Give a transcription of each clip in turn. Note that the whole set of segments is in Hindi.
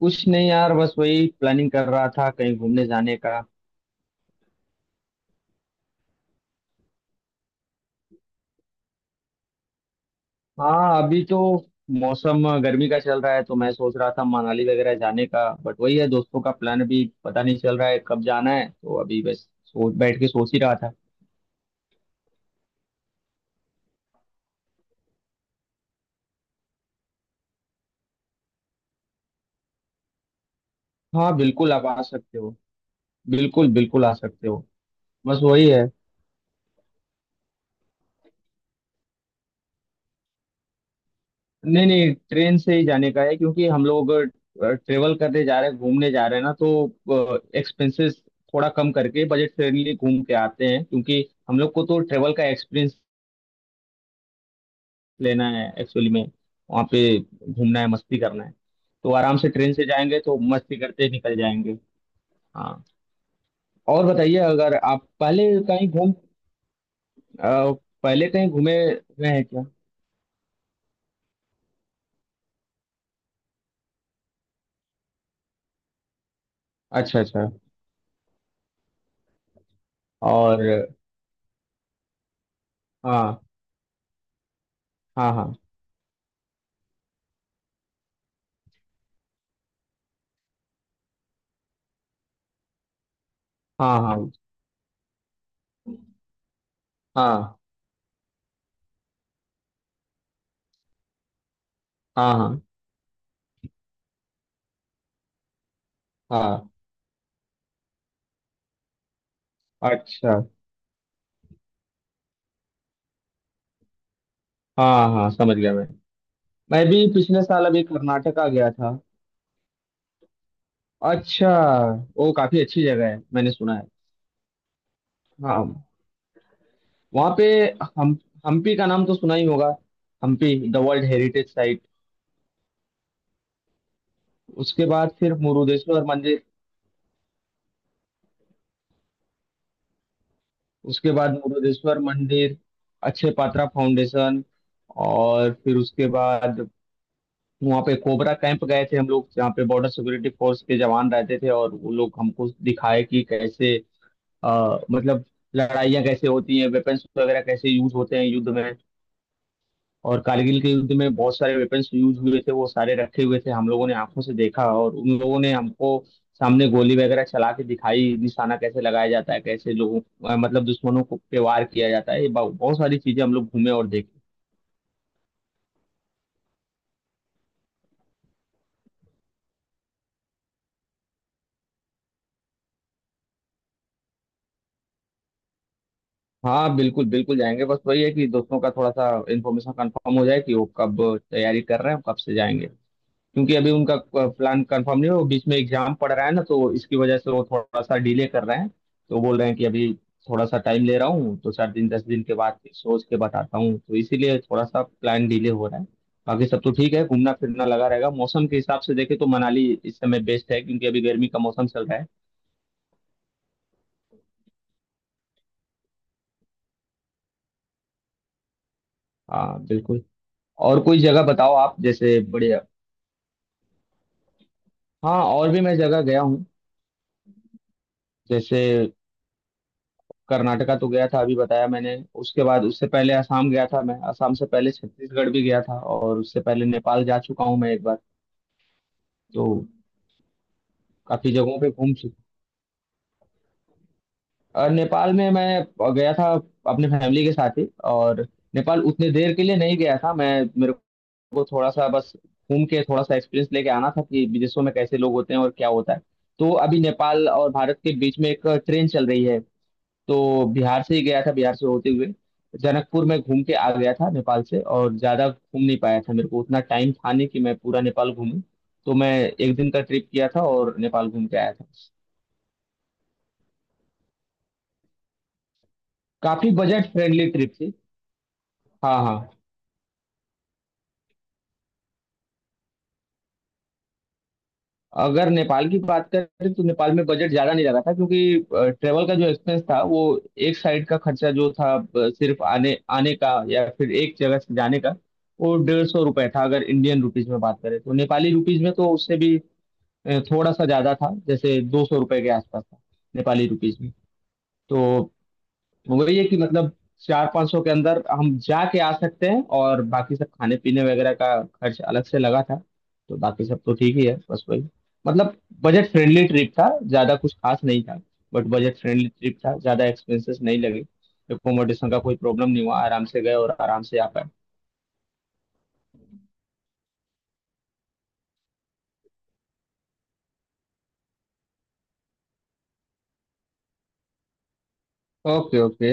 कुछ नहीं यार, बस वही प्लानिंग कर रहा था कहीं घूमने जाने का। हाँ अभी तो मौसम गर्मी का चल रहा है तो मैं सोच रहा था मनाली वगैरह जाने का, बट वही है दोस्तों का प्लान अभी पता नहीं चल रहा है कब जाना है, तो अभी बस सोच बैठ के सोच ही रहा था। हाँ बिल्कुल, आप आ सकते हो। बिल्कुल बिल्कुल आ सकते हो। बस वही है। नहीं नहीं, ट्रेन से ही जाने का है क्योंकि हम लोग अगर ट्रेवल करने जा रहे हैं घूमने जा रहे हैं ना तो एक्सपेंसेस थोड़ा कम करके बजट फ्रेंडली घूम के आते हैं, क्योंकि हम लोग को तो ट्रेवल का एक्सपीरियंस लेना है एक्चुअली में। वहाँ पे घूमना है मस्ती करना है, तो आराम से ट्रेन से जाएंगे तो मस्ती करते निकल जाएंगे। हाँ, और बताइए अगर आप पहले कहीं घूम अ, पहले कहीं घूमे हुए हैं क्या। अच्छा अच्छा। और हाँ, हाँ हाँ, हाँ हाँ, हाँ हाँ, हाँ हाँ। अच्छा। हाँ हाँ, समझ गया मैं। मैं भी पिछले साल अभी कर्नाटका गया था। अच्छा। वो काफी अच्छी जगह है, मैंने सुना है। हाँ। वहाँ पे हम हम्पी का नाम तो सुना ही होगा। Hampi the world heritage site. उसके बाद फिर मुरुदेश्वर मंदिर। उसके बाद मुरुदेश्वर मंदिर। अच्छे पात्रा फाउंडेशन। और फिर उसके बाद वहाँ पे कोबरा कैंप गए थे हम लोग, जहाँ पे बॉर्डर सिक्योरिटी फोर्स के जवान रहते थे और वो लोग हमको दिखाए कि कैसे मतलब लड़ाइयाँ कैसे होती हैं, वेपन्स वगैरह कैसे यूज होते हैं युद्ध में। और कारगिल के युद्ध में बहुत सारे वेपन्स यूज हुए थे, वो सारे रखे हुए थे, हम लोगों ने आंखों से देखा और उन लोगों ने हमको सामने गोली वगैरह चला के दिखाई, निशाना कैसे लगाया जाता है, कैसे लोगों मतलब दुश्मनों को पे वार किया जाता है, ये बहुत सारी चीजें हम लोग घूमे और देखे। हाँ बिल्कुल बिल्कुल जाएंगे, बस वही है कि दोस्तों का थोड़ा सा इन्फॉर्मेशन कंफर्म हो जाए कि वो कब तैयारी कर रहे हैं कब से जाएंगे, क्योंकि अभी उनका प्लान कंफर्म नहीं है, वो बीच में एग्जाम पड़ रहा है ना तो इसकी वजह से वो थोड़ा सा डिले कर रहे हैं। तो बोल रहे हैं कि अभी थोड़ा सा टाइम ले रहा हूँ, तो 4 दिन 10 दिन के बाद फिर सोच के बताता हूँ, तो इसीलिए थोड़ा सा प्लान डिले हो रहा है। बाकी सब तो ठीक है, घूमना फिरना लगा रहेगा। मौसम के हिसाब से देखे तो मनाली इस समय बेस्ट है, क्योंकि अभी गर्मी का मौसम चल रहा है। हाँ बिल्कुल। और कोई जगह बताओ आप, जैसे बढ़िया। हाँ, और भी मैं जगह गया हूँ, जैसे कर्नाटका तो गया था अभी बताया मैंने। उसके बाद उससे पहले असम गया था मैं, असम से पहले छत्तीसगढ़ भी गया था, और उससे पहले नेपाल जा चुका हूँ मैं एक बार। तो काफी जगहों पे घूम चुका। और नेपाल में मैं गया था अपने फैमिली के साथ ही। और नेपाल उतने देर के लिए नहीं गया था, मैं मेरे को थोड़ा सा बस घूम के थोड़ा सा एक्सपीरियंस लेके आना था कि विदेशों में कैसे लोग होते हैं और क्या होता है। तो अभी नेपाल और भारत के बीच में एक ट्रेन चल रही है, तो बिहार से ही गया था, बिहार से होते हुए जनकपुर में घूम के आ गया था। नेपाल से और ज्यादा घूम नहीं पाया था, मेरे को उतना टाइम था नहीं कि मैं पूरा नेपाल घूमूं। तो मैं 1 दिन का ट्रिप किया था और नेपाल घूम के आया था। काफी बजट फ्रेंडली ट्रिप थी। हाँ हाँ। अगर नेपाल की बात करें तो नेपाल में बजट ज्यादा नहीं लगा था, क्योंकि ट्रेवल का जो एक्सपेंस था वो एक साइड का खर्चा जो था, सिर्फ आने आने का या फिर एक जगह से जाने का, वो 150 रुपए था अगर इंडियन रुपीज में बात करें, तो नेपाली रुपीज में तो उससे भी थोड़ा सा ज्यादा था, जैसे 200 रुपए के आसपास था नेपाली रुपीज में। तो वही है कि मतलब 400-500 के अंदर हम जाके आ सकते हैं, और बाकी सब खाने पीने वगैरह का खर्च अलग से लगा था। तो बाकी सब तो ठीक ही है, बस वही मतलब बजट फ्रेंडली ट्रिप था, ज्यादा कुछ खास नहीं था। बट बजट फ्रेंडली ट्रिप था, ज्यादा एक्सपेंसेस नहीं लगे, एकोमोडेशन का कोई प्रॉब्लम नहीं हुआ, आराम से गए और आराम से आ पाए। Okay okay.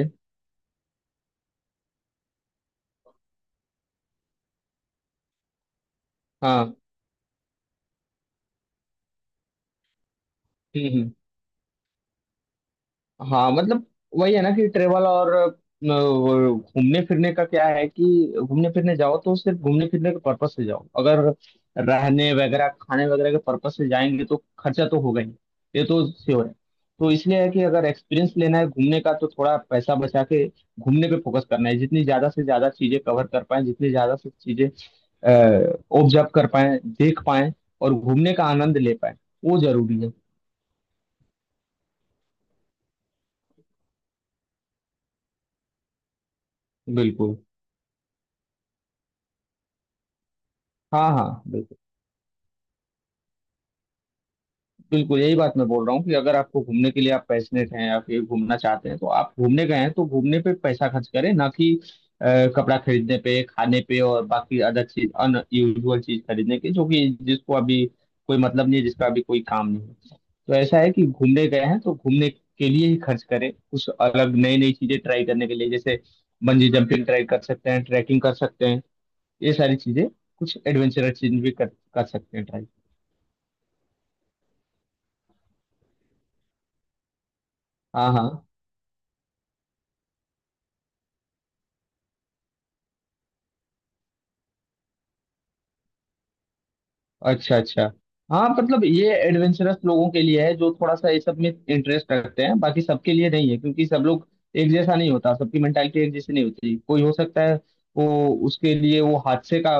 हाँ। हम्म। हाँ मतलब वही है ना कि ट्रेवल और वो घूमने फिरने का क्या है कि घूमने फिरने जाओ तो सिर्फ घूमने फिरने के पर्पस से जाओ, अगर रहने वगैरह खाने वगैरह के पर्पस से जाएंगे तो खर्चा तो होगा ही, ये तो श्योर है। तो इसलिए है कि अगर एक्सपीरियंस लेना है घूमने का तो थोड़ा पैसा बचा के घूमने पे फोकस करना है, जितनी ज्यादा से ज्यादा चीजें कवर कर पाए जितनी ज्यादा से चीजें ऑब्जर्व कर पाए देख पाए और घूमने का आनंद ले पाए, वो जरूरी है। बिल्कुल। हाँ हाँ बिल्कुल, यही बात मैं बोल रहा हूँ कि अगर आपको घूमने के लिए आप पैशनेट हैं आप ये घूमना चाहते हैं, तो आप घूमने गए हैं तो घूमने पे पैसा खर्च करें ना कि अ, कपड़ा खरीदने पे खाने पे और बाकी अदर चीज अनयूजुअल चीज खरीदने के, जो कि जिसको अभी कोई मतलब नहीं है, जिसका अभी कोई काम नहीं है। तो ऐसा है कि घूमने गए हैं तो घूमने के लिए ही खर्च करें कुछ अलग नई नई चीजें ट्राई करने के लिए, जैसे बंजी जंपिंग ट्राई कर सकते हैं, ट्रैकिंग कर सकते हैं, ये सारी चीजें, कुछ एडवेंचरस चीज भी कर सकते हैं ट्राई। हाँ हाँ। अच्छा अच्छा। हाँ मतलब ये एडवेंचरस लोगों के लिए है, जो थोड़ा सा ये सब में इंटरेस्ट रखते हैं, बाकी सबके लिए नहीं है, क्योंकि सब लोग एक जैसा नहीं होता, सबकी मेंटालिटी एक जैसी नहीं होती। कोई हो सकता है वो उसके लिए वो हादसे का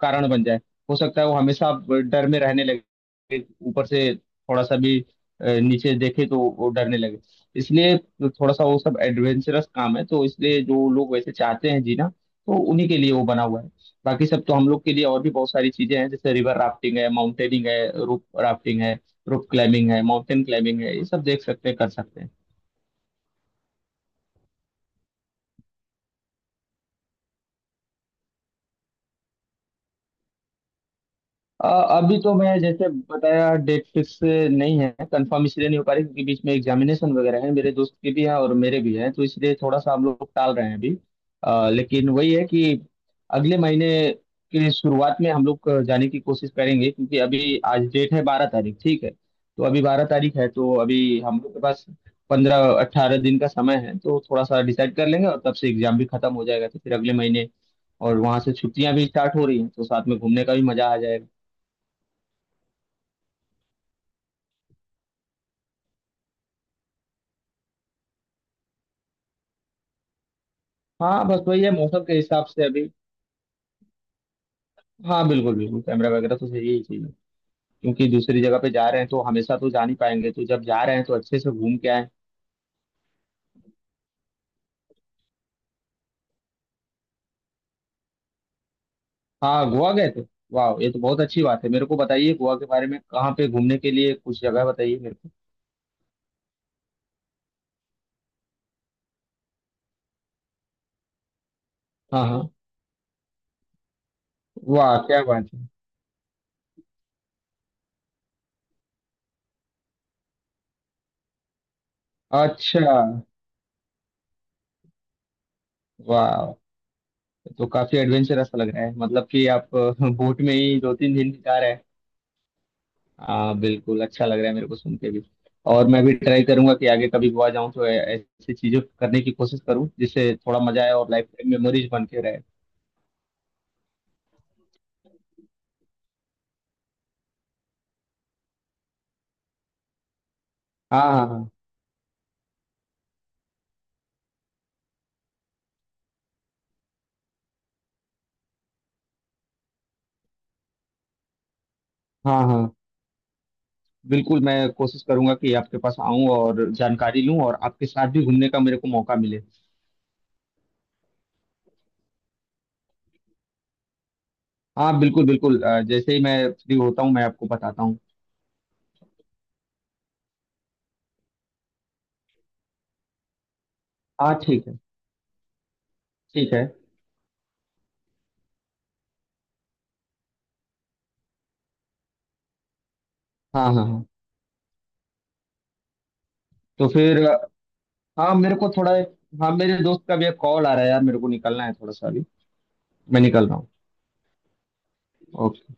कारण बन जाए, हो सकता है वो हमेशा डर में रहने लगे, ऊपर से थोड़ा सा भी नीचे देखे तो वो डरने लगे। इसलिए थोड़ा सा वो सब एडवेंचरस काम है, तो इसलिए जो लोग वैसे चाहते हैं जीना तो उन्हीं के लिए वो बना हुआ है। बाकी सब तो हम लोग के लिए और भी बहुत सारी चीजें हैं, जैसे रिवर राफ्टिंग है, माउंटेनिंग है, रोप राफ्टिंग है, रोप क्लाइंबिंग है, माउंटेन क्लाइंबिंग है, ये सब देख सकते हैं कर सकते हैं। अभी तो मैं जैसे बताया डेट फिक्स नहीं है, कंफर्म इसलिए नहीं हो पा रही क्योंकि बीच में एग्जामिनेशन वगैरह है, मेरे दोस्त के भी हैं और मेरे भी हैं, तो इसलिए थोड़ा सा हम लोग टाल रहे हैं अभी। लेकिन वही है कि अगले महीने के शुरुआत में हम लोग जाने की कोशिश करेंगे, क्योंकि अभी आज डेट है 12 तारीख, ठीक है तो अभी 12 तारीख है, तो अभी हम लोग के पास 15-18 दिन का समय है, तो थोड़ा सा डिसाइड कर लेंगे, और तब से एग्जाम भी खत्म हो जाएगा तो फिर अगले महीने। और वहां से छुट्टियां भी स्टार्ट हो रही हैं तो साथ में घूमने का भी मजा आ जाएगा। हाँ बस वही है मौसम के हिसाब से अभी। हाँ बिल्कुल बिल्कुल, कैमरा वगैरह तो सही ही चाहिए, क्योंकि दूसरी जगह पे जा रहे हैं तो हमेशा तो जा नहीं पाएंगे, तो जब जा रहे हैं तो अच्छे से घूम के आए। हाँ गोवा गए थे। वाह, ये तो बहुत अच्छी बात है, मेरे को बताइए गोवा के बारे में, कहाँ पे घूमने के लिए कुछ जगह बताइए मेरे को। हाँ हाँ। वाह क्या बात है। अच्छा। वाह। तो काफी एडवेंचरस लग रहा है, मतलब कि आप बोट में ही 2-3 दिन बिता रहे हैं। हाँ बिल्कुल, अच्छा लग रहा है मेरे को सुन के भी। और मैं भी ट्राई करूंगा कि आगे कभी गोवा जाऊं तो ऐसी चीजें करने की कोशिश करूं जिससे थोड़ा मजा आए और लाइफ टाइम मेमोरीज बन के रहे। हाँ, हाँ हाँ, हाँ हाँ। बिल्कुल, मैं कोशिश करूंगा कि आपके पास आऊं और जानकारी लूं और आपके साथ भी घूमने का मेरे को मौका मिले। हाँ बिल्कुल बिल्कुल, जैसे ही मैं फ्री होता हूँ मैं आपको बताता हूँ। हाँ ठीक है। ठीक है। हाँ हाँ हाँ। तो फिर हाँ मेरे को थोड़ा। हाँ मेरे दोस्त का भी एक कॉल आ रहा है यार, मेरे को निकलना है थोड़ा सा अभी। मैं निकल रहा हूँ। ओके।